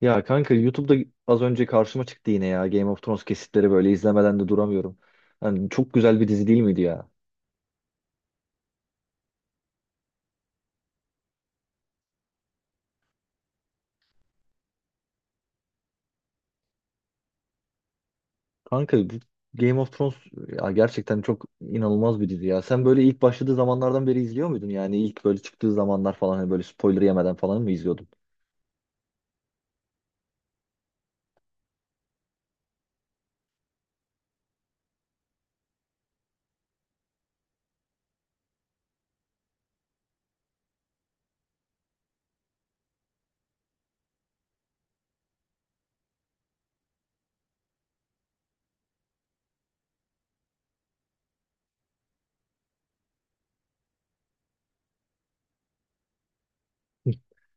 Ya kanka YouTube'da az önce karşıma çıktı yine ya, Game of Thrones kesitleri böyle izlemeden de duramıyorum. Hani çok güzel bir dizi değil miydi ya? Kanka bu Game of Thrones ya, gerçekten çok inanılmaz bir dizi ya. Sen böyle ilk başladığı zamanlardan beri izliyor muydun? Yani ilk böyle çıktığı zamanlar falan, hani böyle spoiler yemeden falan mı izliyordun?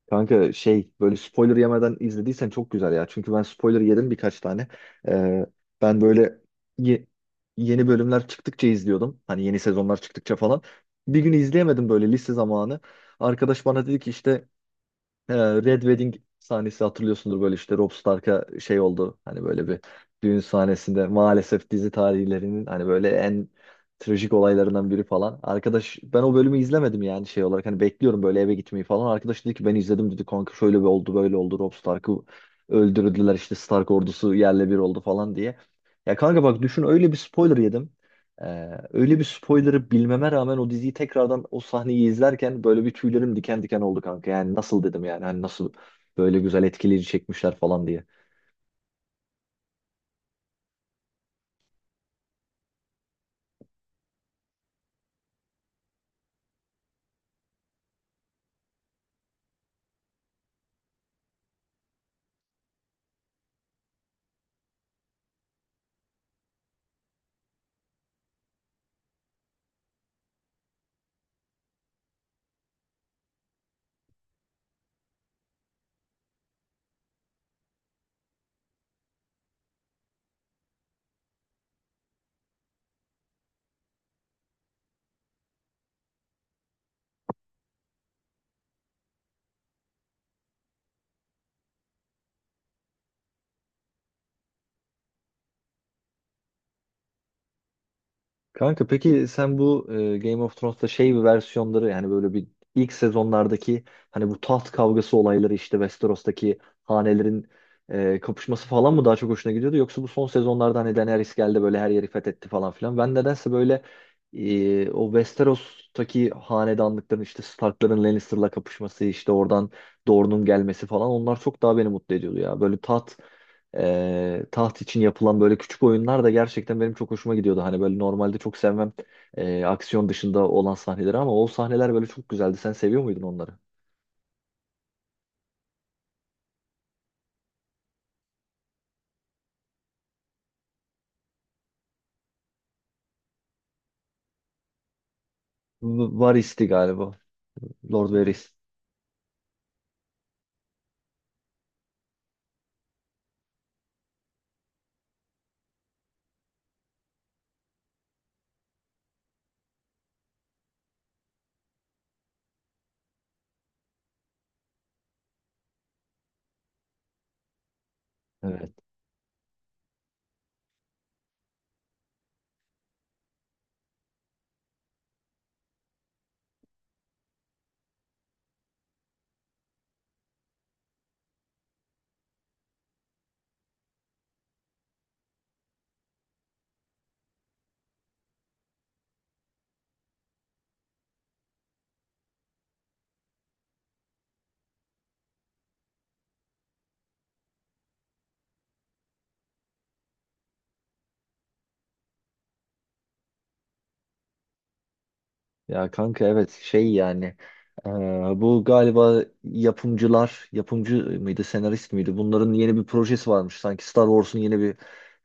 Kanka şey, böyle spoiler yemeden izlediysen çok güzel ya. Çünkü ben spoiler yedim birkaç tane. Ee, ben böyle ye- yeni bölümler çıktıkça izliyordum. Hani yeni sezonlar çıktıkça falan. Bir gün izleyemedim böyle lise zamanı. Arkadaş bana dedi ki işte ee, Red Wedding sahnesi hatırlıyorsundur, böyle işte Rob Stark'a şey oldu, hani böyle bir düğün sahnesinde, maalesef dizi tarihlerinin hani böyle en trajik olaylarından biri falan. Arkadaş, ben o bölümü izlemedim yani, şey olarak hani bekliyorum böyle eve gitmeyi falan. Arkadaş dedi ki ben izledim dedi kanka, şöyle bir oldu böyle oldu, Rob Stark'ı öldürdüler, işte Stark ordusu yerle bir oldu falan diye. Ya kanka bak, düşün, öyle bir spoiler yedim. Öyle bir spoiler'ı bilmeme rağmen o diziyi tekrardan, o sahneyi izlerken böyle bir tüylerim diken diken oldu kanka. Yani nasıl dedim, yani hani nasıl böyle güzel etkileyici çekmişler falan diye. Kanka peki sen bu Game of Thrones'ta şey, bir versiyonları yani böyle bir ilk sezonlardaki, hani bu taht kavgası olayları, işte Westeros'taki hanelerin kapışması falan mı daha çok hoşuna gidiyordu, yoksa bu son sezonlarda hani Daenerys geldi, böyle her yeri fethetti falan filan? Ben nedense böyle o Westeros'taki hanedanlıkların, işte Stark'ların Lannister'la kapışması, işte oradan Dorne'un gelmesi falan, onlar çok daha beni mutlu ediyordu ya. Böyle taht için yapılan böyle küçük oyunlar da gerçekten benim çok hoşuma gidiyordu. Hani böyle normalde çok sevmem aksiyon dışında olan sahneleri, ama o sahneler böyle çok güzeldi. Sen seviyor muydun onları? Varys'ti galiba. Lord Varys. Evet. Ya kanka evet, şey yani eee, bu galiba yapımcılar, yapımcı mıydı senarist miydi, bunların yeni bir projesi varmış, sanki Star Wars'un yeni bir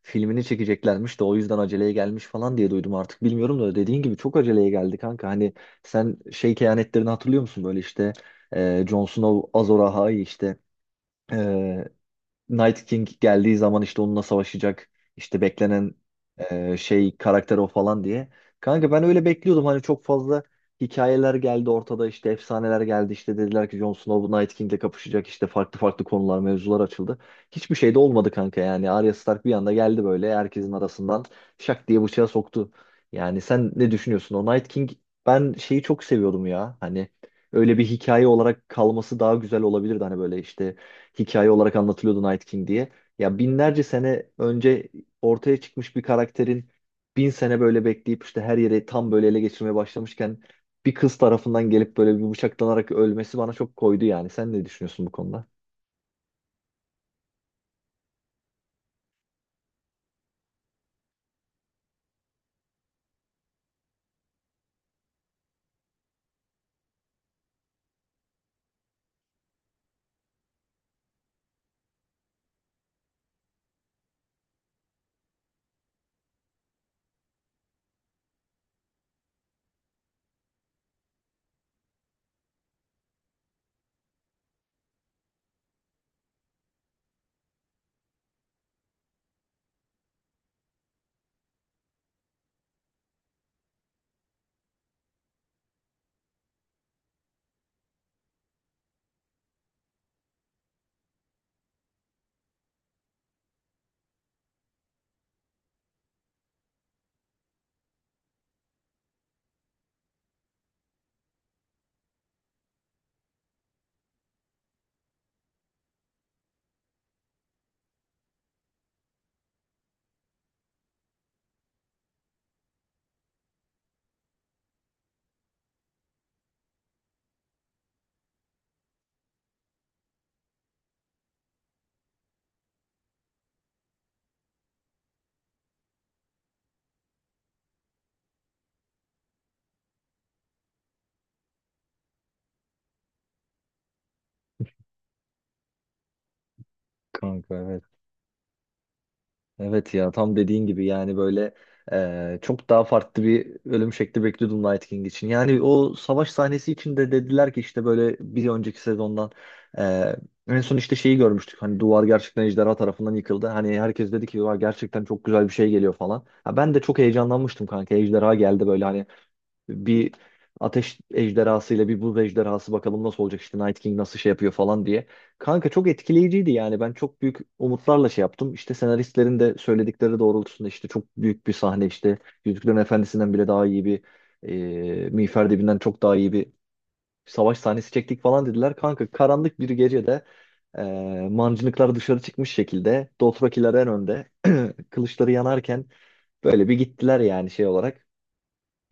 filmini çekeceklermiş de o yüzden aceleye gelmiş falan diye duydum, artık bilmiyorum da, dediğin gibi çok aceleye geldi kanka. Hani sen şey kehanetlerini hatırlıyor musun, böyle işte Jon Snow Azor Ahai, işte Night King geldiği zaman işte onunla savaşacak, işte beklenen şey karakter o falan diye. Kanka ben öyle bekliyordum, hani çok fazla hikayeler geldi ortada, işte efsaneler geldi, işte dediler ki Jon Snow bu Night King'le kapışacak, işte farklı farklı konular mevzular açıldı. Hiçbir şey de olmadı kanka, yani Arya Stark bir anda geldi böyle herkesin arasından şak diye bıçağı soktu. Yani sen ne düşünüyorsun o Night King, ben şeyi çok seviyordum ya, hani öyle bir hikaye olarak kalması daha güzel olabilirdi, hani böyle işte hikaye olarak anlatılıyordu Night King diye. Ya binlerce sene önce ortaya çıkmış bir karakterin, 1.000 sene böyle bekleyip işte her yere tam böyle ele geçirmeye başlamışken, bir kız tarafından gelip böyle bir bıçaklanarak ölmesi bana çok koydu yani. Sen ne düşünüyorsun bu konuda? Kanka evet. Evet ya, tam dediğin gibi, yani böyle çok daha farklı bir ölüm şekli bekliyordum Night King için. Yani o savaş sahnesi için de dediler ki, işte böyle bir önceki sezondan e, en son işte şeyi görmüştük. Hani duvar gerçekten ejderha tarafından yıkıldı. Hani herkes dedi ki: "Vay, gerçekten çok güzel bir şey geliyor falan." Ha, ben de çok heyecanlanmıştım kanka. Ejderha geldi böyle, hani bir ateş ejderhasıyla bir buz ejderhası, bakalım nasıl olacak, işte Night King nasıl şey yapıyor falan diye. Kanka çok etkileyiciydi yani, ben çok büyük umutlarla şey yaptım. İşte senaristlerin de söyledikleri doğrultusunda, işte çok büyük bir sahne, işte Yüzüklerin Efendisi'nden bile daha iyi bir Miğfer Dibi'nden çok daha iyi bir savaş sahnesi çektik falan dediler. Kanka karanlık bir gecede e, mancınıklar dışarı çıkmış şekilde, Dothrakiler en önde kılıçları yanarken böyle bir gittiler, yani şey olarak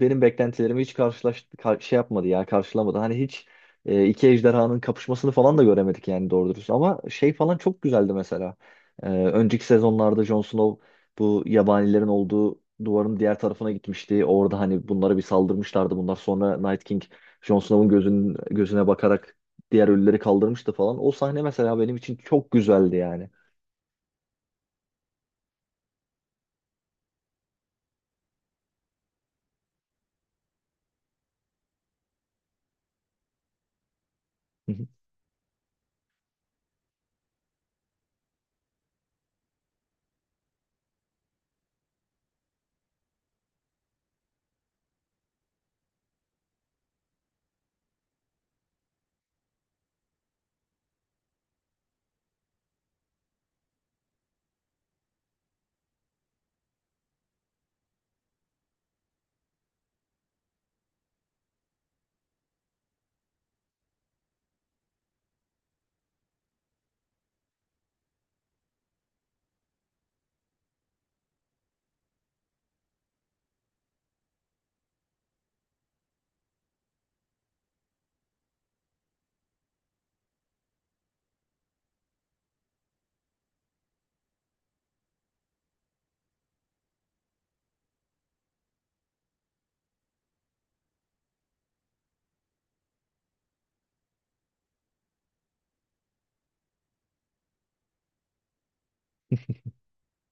benim beklentilerimi hiç şey yapmadı ya, karşılamadı. Hani hiç iki ejderhanın kapışmasını falan da göremedik yani, doğru dürüst. Ama şey falan çok güzeldi mesela. Önceki sezonlarda Jon Snow bu yabanilerin olduğu duvarın diğer tarafına gitmişti. Orada hani bunlara bir saldırmışlardı. Bunlar sonra Night King, Jon Snow'un gözüne bakarak diğer ölüleri kaldırmıştı falan. O sahne mesela benim için çok güzeldi yani. Hı hı.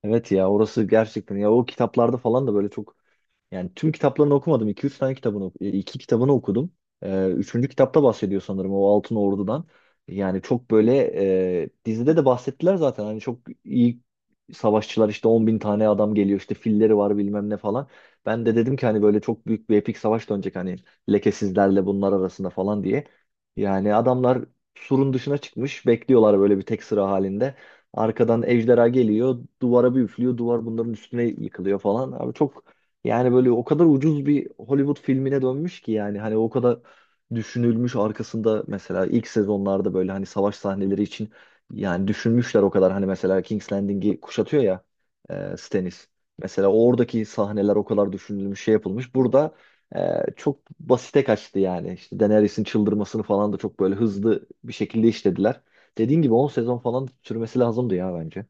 Evet ya, orası gerçekten ya, o kitaplarda falan da böyle çok. Yani tüm kitaplarını okumadım. 2 üç tane kitabını, iki kitabını okudum. Üçüncü kitapta bahsediyor sanırım o Altın Ordu'dan. Yani çok böyle dizide de bahsettiler zaten. Hani çok iyi savaşçılar, işte 10.000 tane adam geliyor, işte filleri var bilmem ne falan. Ben de dedim ki hani böyle çok büyük bir epik savaş dönecek, hani lekesizlerle bunlar arasında falan diye. Yani adamlar surun dışına çıkmış bekliyorlar böyle bir tek sıra halinde. Arkadan ejderha geliyor, duvara bir üflüyor, duvar bunların üstüne yıkılıyor falan. Abi çok, yani böyle o kadar ucuz bir Hollywood filmine dönmüş ki, yani hani o kadar düşünülmüş arkasında, mesela ilk sezonlarda böyle hani savaş sahneleri için yani düşünmüşler o kadar, hani mesela King's Landing'i kuşatıyor ya Stannis. Mesela oradaki sahneler o kadar düşünülmüş, şey yapılmış. Burada e, çok basite kaçtı yani. İşte Daenerys'in çıldırmasını falan da çok böyle hızlı bir şekilde işlediler. Dediğin gibi 10 sezon falan sürmesi lazımdı ya bence.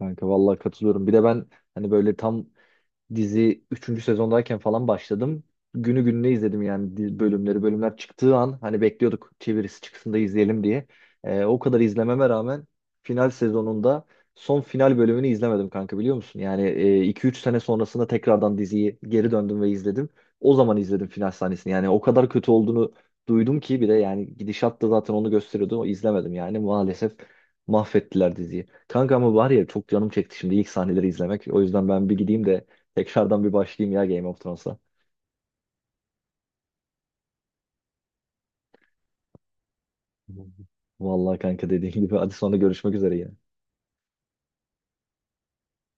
Kanka vallahi katılıyorum. Bir de ben hani böyle tam dizi üçüncü sezondayken falan başladım. Günü gününe izledim yani bölümleri. Bölümler çıktığı an hani bekliyorduk çevirisi çıksın da izleyelim diye. O kadar izlememe rağmen final sezonunda son final bölümünü izlemedim kanka, biliyor musun? Yani 2-3 sene sonrasında tekrardan diziyi geri döndüm ve izledim. O zaman izledim final sahnesini. Yani o kadar kötü olduğunu duydum ki, bir de yani gidişat da zaten onu gösteriyordu. O izlemedim yani, maalesef mahvettiler diziyi. Kanka ama var ya, çok canım çekti şimdi ilk sahneleri izlemek. O yüzden ben bir gideyim de tekrardan bir başlayayım ya Game of Thrones'a. Vallahi kanka dediğin gibi. Hadi sonra görüşmek üzere yine.